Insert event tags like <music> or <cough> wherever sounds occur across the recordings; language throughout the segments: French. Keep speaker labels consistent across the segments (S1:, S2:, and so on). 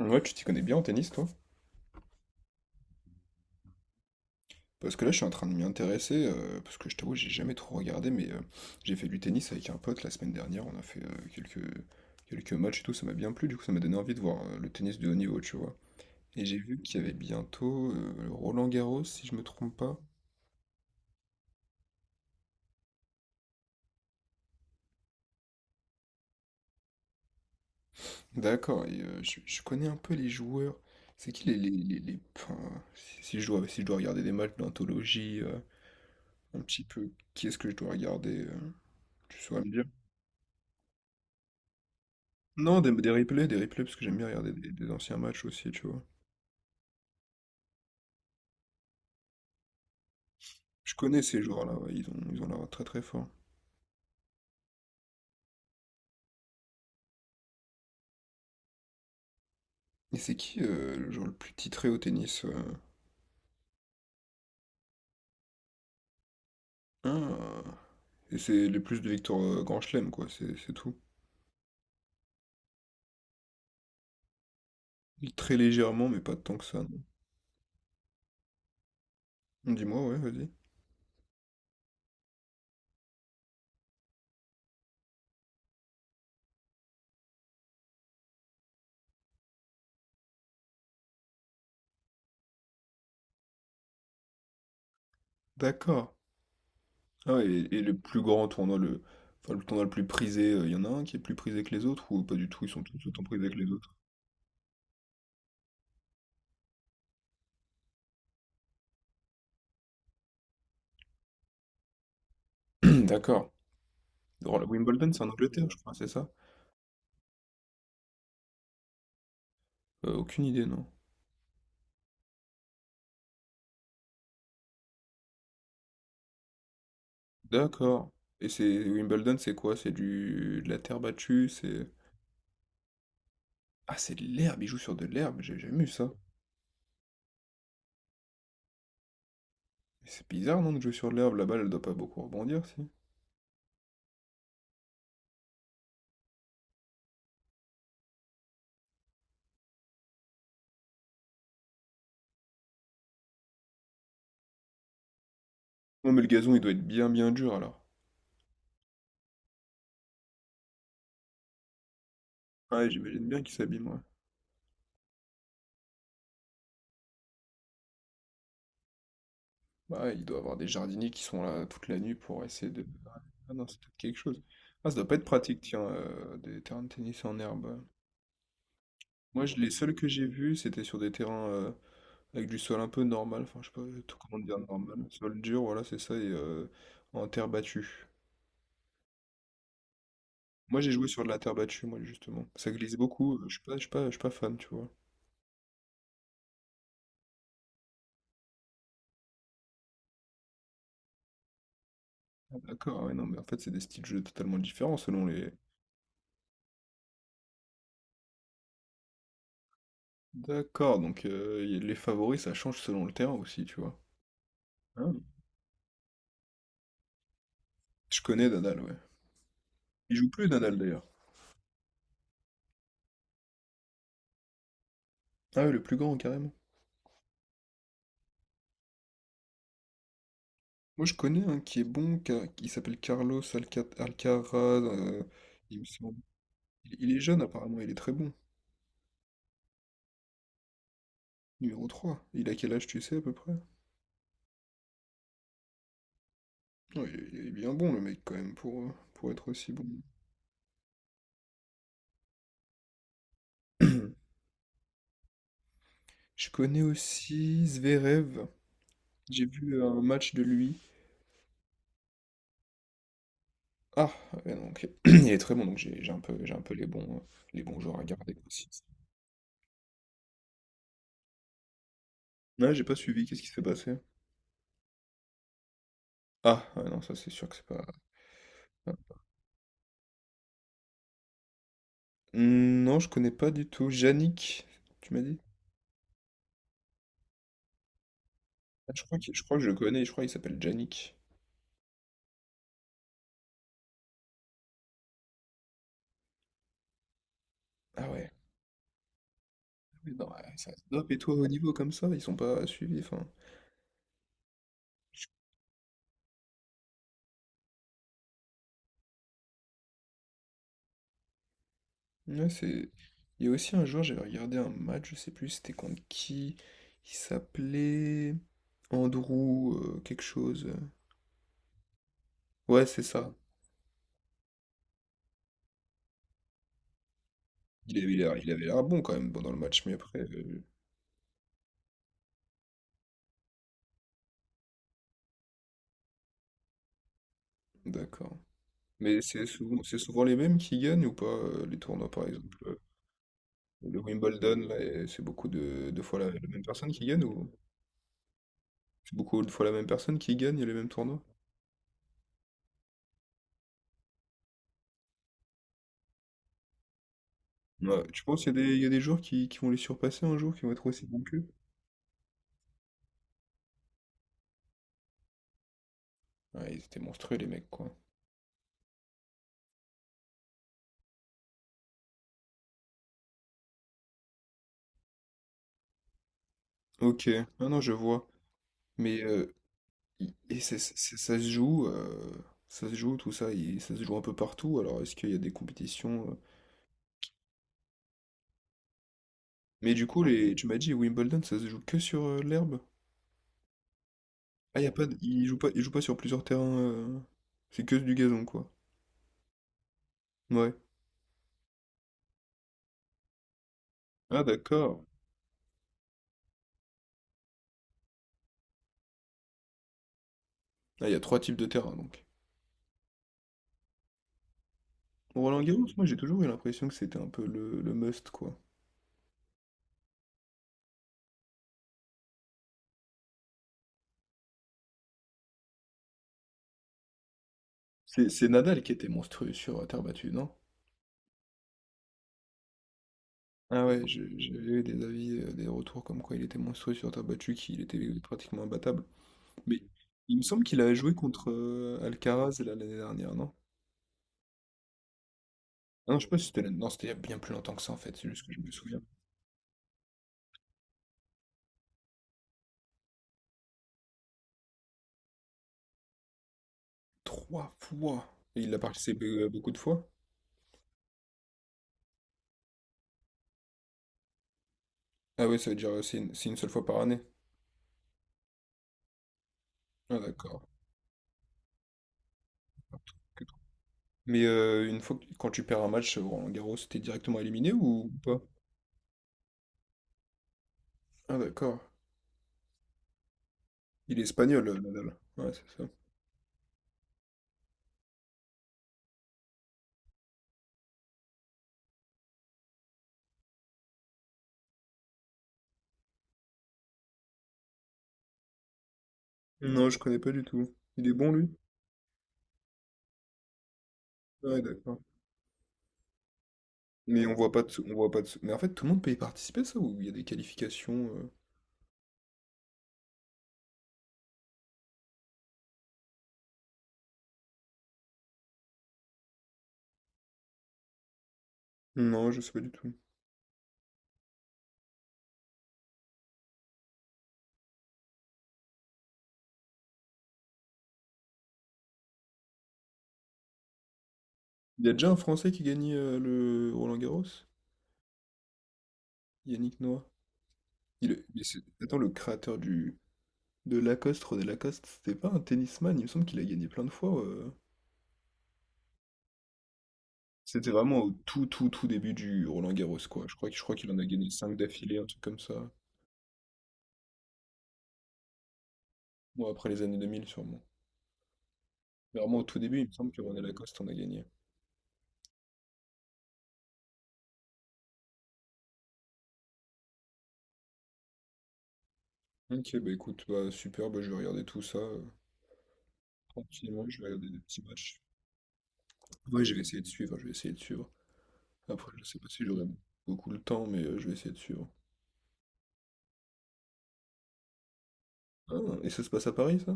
S1: Ouais, tu t'y connais bien en tennis, toi? Parce que là, je suis en train de m'y intéresser, parce que je t'avoue, j'ai jamais trop regardé, mais j'ai fait du tennis avec un pote la semaine dernière, on a fait quelques matchs et tout, ça m'a bien plu, du coup, ça m'a donné envie de voir le tennis de haut niveau, tu vois. Et j'ai vu qu'il y avait bientôt Roland Garros, si je me trompe pas. D'accord, et je connais un peu les joueurs. C'est qui les- enfin, Si je dois regarder des matchs d'anthologie, un petit peu, qui est-ce que je dois regarder? Tu saurais. Non, des replays, parce que j'aime bien regarder des anciens matchs aussi, tu vois. Je connais ces joueurs-là, ouais, ils ont l'air très très forts. Et c'est qui le joueur le plus titré au tennis? Ah, et c'est le plus de victoires Grand Chelem, quoi, c'est tout. Très légèrement, mais pas tant que ça, non. Dis-moi, ouais, vas-y. D'accord. Ah, ouais, et le plus grand tournoi, enfin, le tournoi le plus prisé, il y en a un qui est plus prisé que les autres, ou pas du tout, ils sont tous autant prisés que les autres? <clears throat> D'accord. Oh, la Wimbledon, c'est en Angleterre, je crois, c'est ça? Aucune idée, non. D'accord. Et c'est Wimbledon, c'est quoi? C'est du de la terre battue, c'est. Ah, c'est de l'herbe, il joue sur de l'herbe, j'ai jamais vu ça. Mais c'est bizarre non de jouer sur de l'herbe, la balle elle doit pas beaucoup rebondir si. Non mais le gazon il doit être bien bien dur alors. Ouais, j'imagine bien qu'il s'abîme, ouais. Bah ouais, il doit avoir des jardiniers qui sont là toute la nuit pour essayer de. Ah non, c'est peut-être quelque chose. Ah, ça doit pas être pratique tiens des terrains de tennis en herbe. Moi, les seuls que j'ai vus, c'était sur des terrains avec du sol un peu normal, enfin je sais pas tout comment dire normal. Sol dur, voilà, c'est ça, et en terre battue. Moi j'ai joué sur de la terre battue, moi justement. Ça glisse beaucoup, je suis pas, je suis pas, je suis pas fan, tu vois. Ah, d'accord, ouais, non, mais en fait c'est des styles de jeu totalement différents selon les. D'accord, donc les favoris ça change selon le terrain aussi, tu vois. Ah. Je connais Nadal, ouais. Il joue plus Nadal d'ailleurs. Ah ouais, le plus grand carrément. Moi je connais un qui est bon, qui s'appelle Carlos Alcaraz, euh, il me semble. Il est jeune apparemment, il est très bon. Numéro 3. Il a quel âge, tu sais, à peu près? Ouais, il est bien bon, le mec, quand même, pour être aussi bon. <clears throat> Je connais aussi Zverev. J'ai vu un match de lui. Ah, ouais, non, ok. <clears throat> Il est très bon, donc j'ai un peu les bons joueurs à garder aussi. Ah, j'ai pas suivi, qu'est-ce qui s'est passé? Ah, ouais, non, ça c'est sûr que c'est pas. Ah. Hmm, non, je connais pas du tout. Yannick, tu m'as dit? Ah, je crois que je le connais, je crois qu'il s'appelle Yannick. Ah ouais. Mais non, ouais, ça se dope et toi au niveau comme ça, ils sont pas suivis, enfin. Ouais, c'est. Il y a aussi un jour, j'avais regardé un match, je sais plus c'était contre qui. Il s'appelait Andrew quelque chose. Ouais, c'est ça. Il avait l'air bon quand même pendant le match, mais après, d'accord. Mais c'est souvent les mêmes qui gagnent ou pas les tournois par exemple. Le Wimbledon, là, et c'est beaucoup de fois la même personne qui gagne ou c'est beaucoup de fois la même personne qui gagne les mêmes tournois? Ouais, tu penses qu'il y a des joueurs qui vont les surpasser un jour, qui vont être aussi bons qu'eux? Ouais, ils étaient monstrueux les mecs quoi. Ok, non, non, je vois. Mais et ça se joue tout ça, ça se joue un peu partout. Alors est-ce qu'il y a des compétitions? Mais du coup, les, tu m'as dit Wimbledon, ça se joue que sur l'herbe? Ah, y a pas, de- il joue pas sur plusieurs terrains. C'est que du gazon, quoi. Ouais. Ah d'accord. Ah, il y a trois types de terrains donc. Roland-Garros, moi j'ai toujours eu l'impression que c'était un peu le must, quoi. C'est Nadal qui était monstrueux sur terre battue, non? Ah ouais, j'ai eu des avis, des retours comme quoi il était monstrueux sur terre battue, qu'il était pratiquement imbattable. Mais il me semble qu'il avait joué contre Alcaraz là, l'année dernière, non? Ah non, je sais pas si c'était non, c'était il y a bien plus longtemps que ça en fait, c'est juste que je me souviens. Trois fois! Et il l'a participé beaucoup de fois? Ah ouais, ça veut dire c'est une seule fois par année. Ah d'accord. Que trop. Mais une fois que, quand tu perds un match, Roland Garros, t'es directement éliminé ou pas? Ah d'accord. Il est espagnol, Nadal. Ouais, c'est ça. Non, je connais pas du tout. Il est bon lui? Ouais, d'accord. Mais on voit pas de sous, on voit pas de sous. Mais en fait, tout le monde peut y participer, à ça, ou il y a des qualifications non, je sais pas du tout. Il y a déjà un Français qui gagne le Roland-Garros? Yannick Noah. Il est- mais c'est- Attends, le créateur du... de Lacoste, René Lacoste, c'était pas un tennisman, il me semble qu'il a gagné plein de fois. C'était vraiment au tout, tout, tout début du Roland-Garros, quoi. Je crois qu'il en a gagné 5 d'affilée, un truc comme ça. Bon, après les années 2000 sûrement. Mais vraiment au tout début, il me semble que René Lacoste en a gagné. Ok, bah écoute, bah super, bah je vais regarder tout ça. Tranquillement, je vais regarder des petits matchs. Oui, je vais essayer de suivre, je vais essayer de suivre. Après, je sais pas si j'aurai beaucoup le temps, mais je vais essayer de suivre. Ah, et ça se passe à Paris, ça?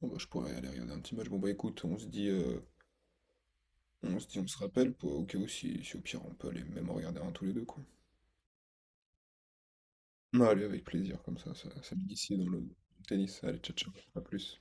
S1: Bon, bah, je pourrais aller regarder un petit match. Bon, bah écoute, on se dit, on se rappelle, pour, au cas où, si au pire, on peut aller même en regarder un tous les deux, quoi. Ah, allez, avec plaisir, comme ça, me dit ici dans le tennis. Allez, ciao, ciao, à plus.